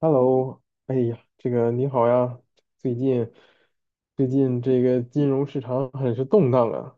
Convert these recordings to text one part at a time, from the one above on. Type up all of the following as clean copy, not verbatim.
Hello，哎呀，这个你好呀，最近最近这个金融市场很是动荡啊，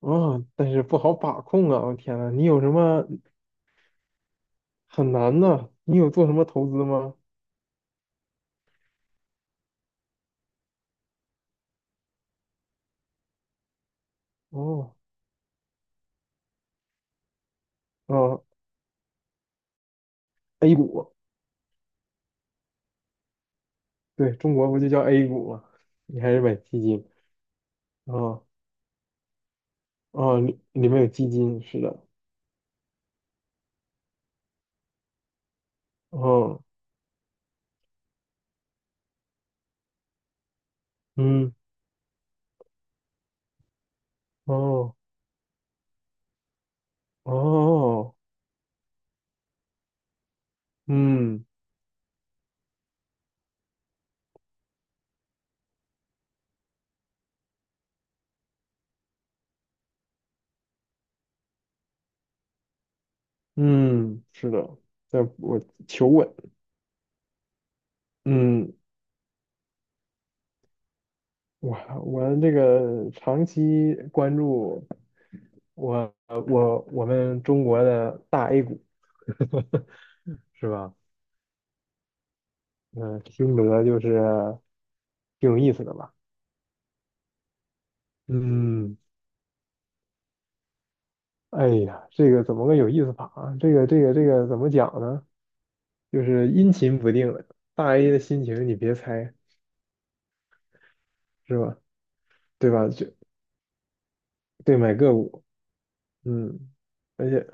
啊、但是不好把控啊，我天呐，你有什么很难的？你有做什么投资吗？哦，哦，A 股，对，中国不就叫 A 股吗？你还是买基金啊啊，里面有基金，是的，哦，嗯，哦，哦，嗯嗯，是的，在我求稳。嗯我我这个长期关注我们中国的大 A 股是吧？嗯，听得就是挺有意思的吧？嗯，哎呀，这个怎么个有意思法啊？这个怎么讲呢？就是阴晴不定的，大 A 的心情你别猜是吧？对吧？就对买个股，嗯，而且。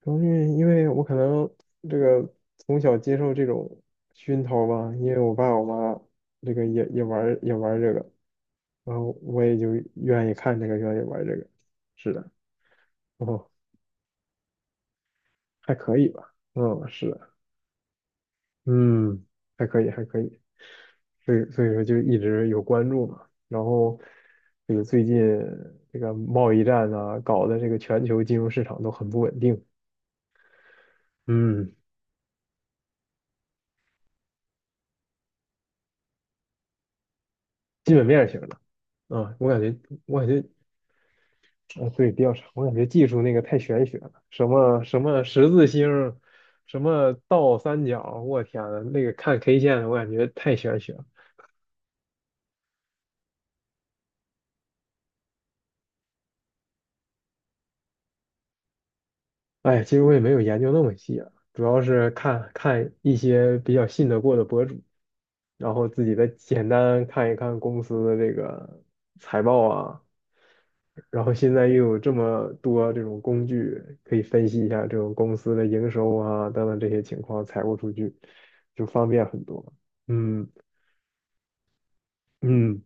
主要是因为我可能这个从小接受这种熏陶吧，因为我爸我妈这个也玩儿这个，然后我也就愿意看这个，愿意玩儿这个。是的，哦，还可以吧，嗯，是的，嗯，还可以，还可以，所以说就一直有关注嘛。然后这个最近这个贸易战啊搞的这个全球金融市场都很不稳定，嗯，基本面儿型的。啊，我感觉啊，对，比较长，我感觉技术那个太玄学了，什么什么十字星，什么倒三角，我天呐，那个看 K 线的，我感觉太玄学了。哎，其实我也没有研究那么细啊，主要是看看一些比较信得过的博主，然后自己再简单看一看公司的这个财报啊，然后现在又有这么多这种工具可以分析一下这种公司的营收啊等等这些情况，财务数据就方便很多。嗯嗯，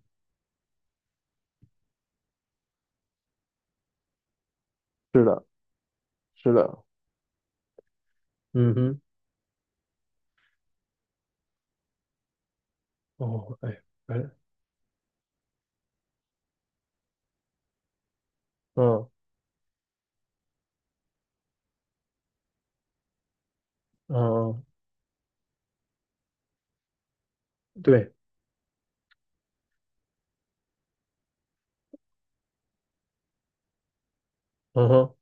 是的，嗯哼，哦，哎哎，嗯嗯，嗯，对，嗯哼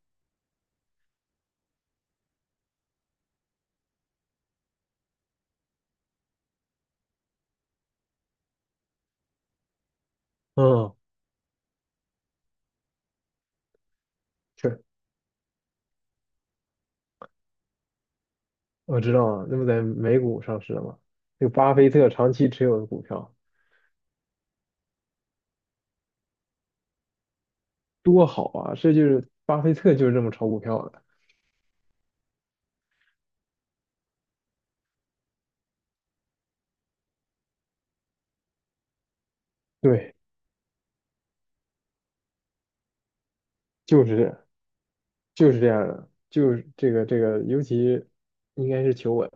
嗯，确，我知道啊，那不在美股上市了吗？这个巴菲特长期持有的股票。多好啊！这就是巴菲特就是这么炒股票的，对，就是这样，就是这样的，就是这个，尤其应该是求稳，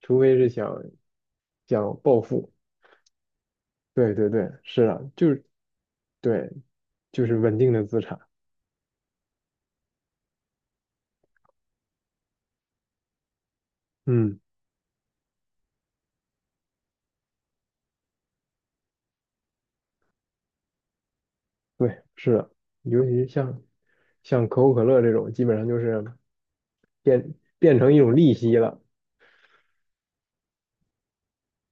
除非是想暴富，对对对，是的，就是对，就是稳定的资产，嗯，对，是的，尤其像可口可乐这种，基本上就是变成一种利息了，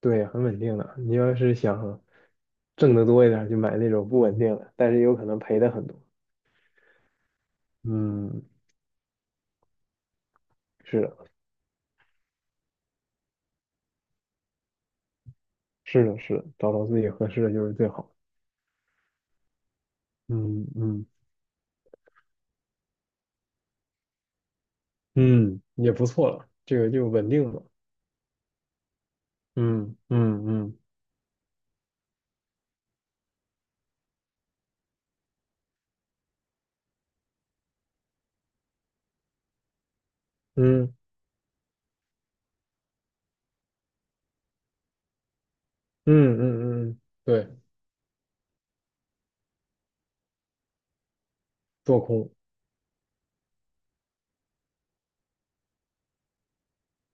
对，很稳定的。你要是想挣得多一点儿就买那种不稳定的，但是有可能赔的很多。嗯，是的，是的，是的，找到自己合适的就是最好。嗯嗯嗯，也不错了，这个就稳定了。嗯嗯嗯嗯嗯嗯嗯，对，做空。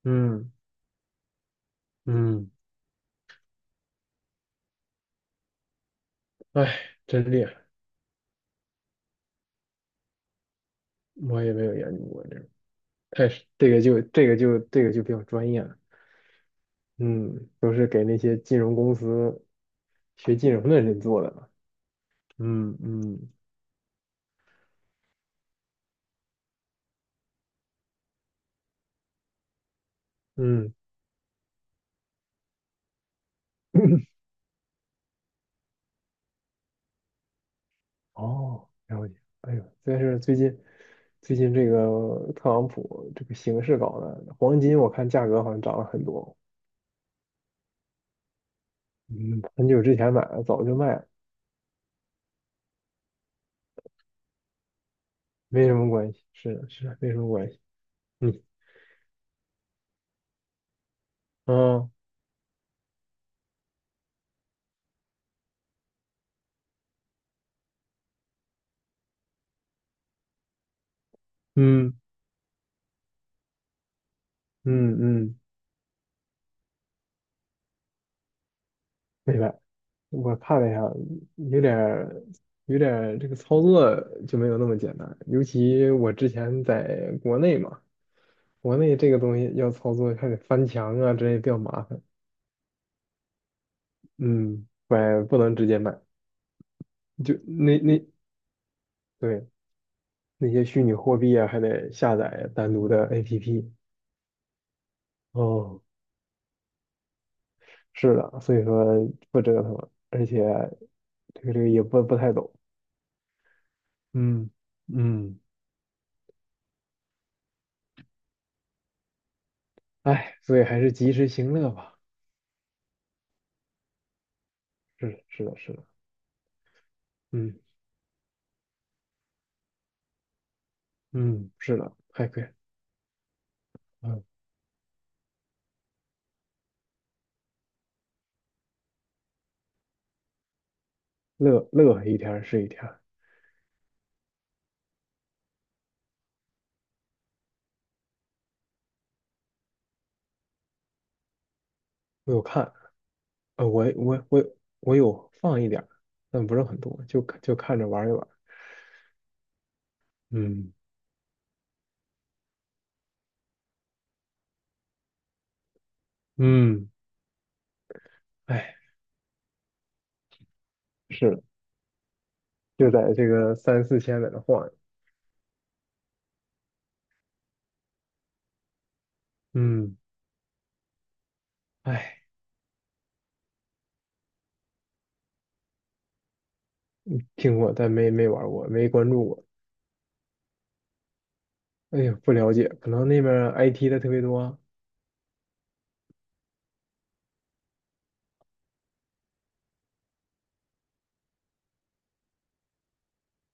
嗯嗯，哎，真厉害，我也没有研究过这个，太是这个就这个就这个就比较专业了。嗯，都是给那些金融公司学金融的人做的了嗯嗯嗯，哦，了解。哎呦，但是最近这个特朗普这个形势搞的，黄金我看价格好像涨了很多。嗯，很久之前买了，早就卖了，没什么关系。是的，是的没什么关系。嗯，嗯嗯嗯嗯，明白。我看了一下，有点儿有点儿这个操作就没有那么简单，尤其我之前在国内嘛，国内这个东西要操作还得翻墙啊之类比较麻烦。嗯，买不能直接买。就那对那些虚拟货币啊，还得下载单独的 APP。哦，是的，所以说不折腾了，而且这个也不太懂。嗯，嗯哎，所以还是及时行乐吧。是的，是的，是的，嗯，嗯是的，还可以，嗯，乐乐一天儿是一天儿我有看，呃，我我我我有放一点儿但不是很多，就看着玩一玩。嗯嗯，哎，是的。就在这个三四千在那晃悠。嗯，哎，听过，但没玩过，没关注过。哎呀，不了解，可能那边 IT 的特别多。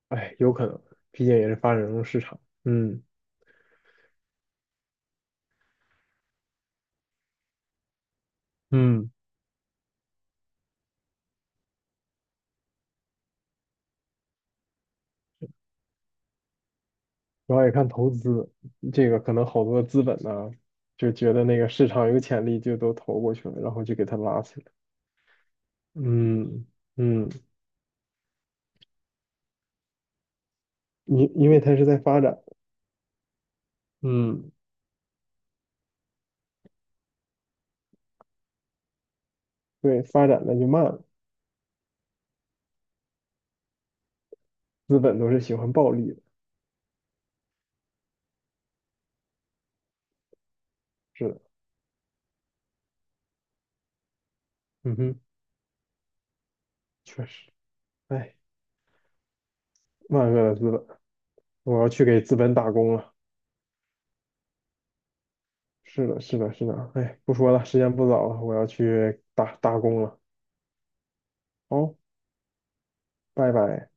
哎，有可能，毕竟也是发展中市场。嗯，嗯，主要也看投资，这个可能好多资本呢，就觉得那个市场有潜力，就都投过去了，然后就给它拉起来。嗯，嗯，因为它是在发展，嗯，对，发展的就慢了，资本都是喜欢暴利的。是的，嗯哼。确实。哎。万恶的资本，我要去给资本打工了。是的，是的，是的。哎，不说了，时间不早了，我要去打工了。好，拜拜。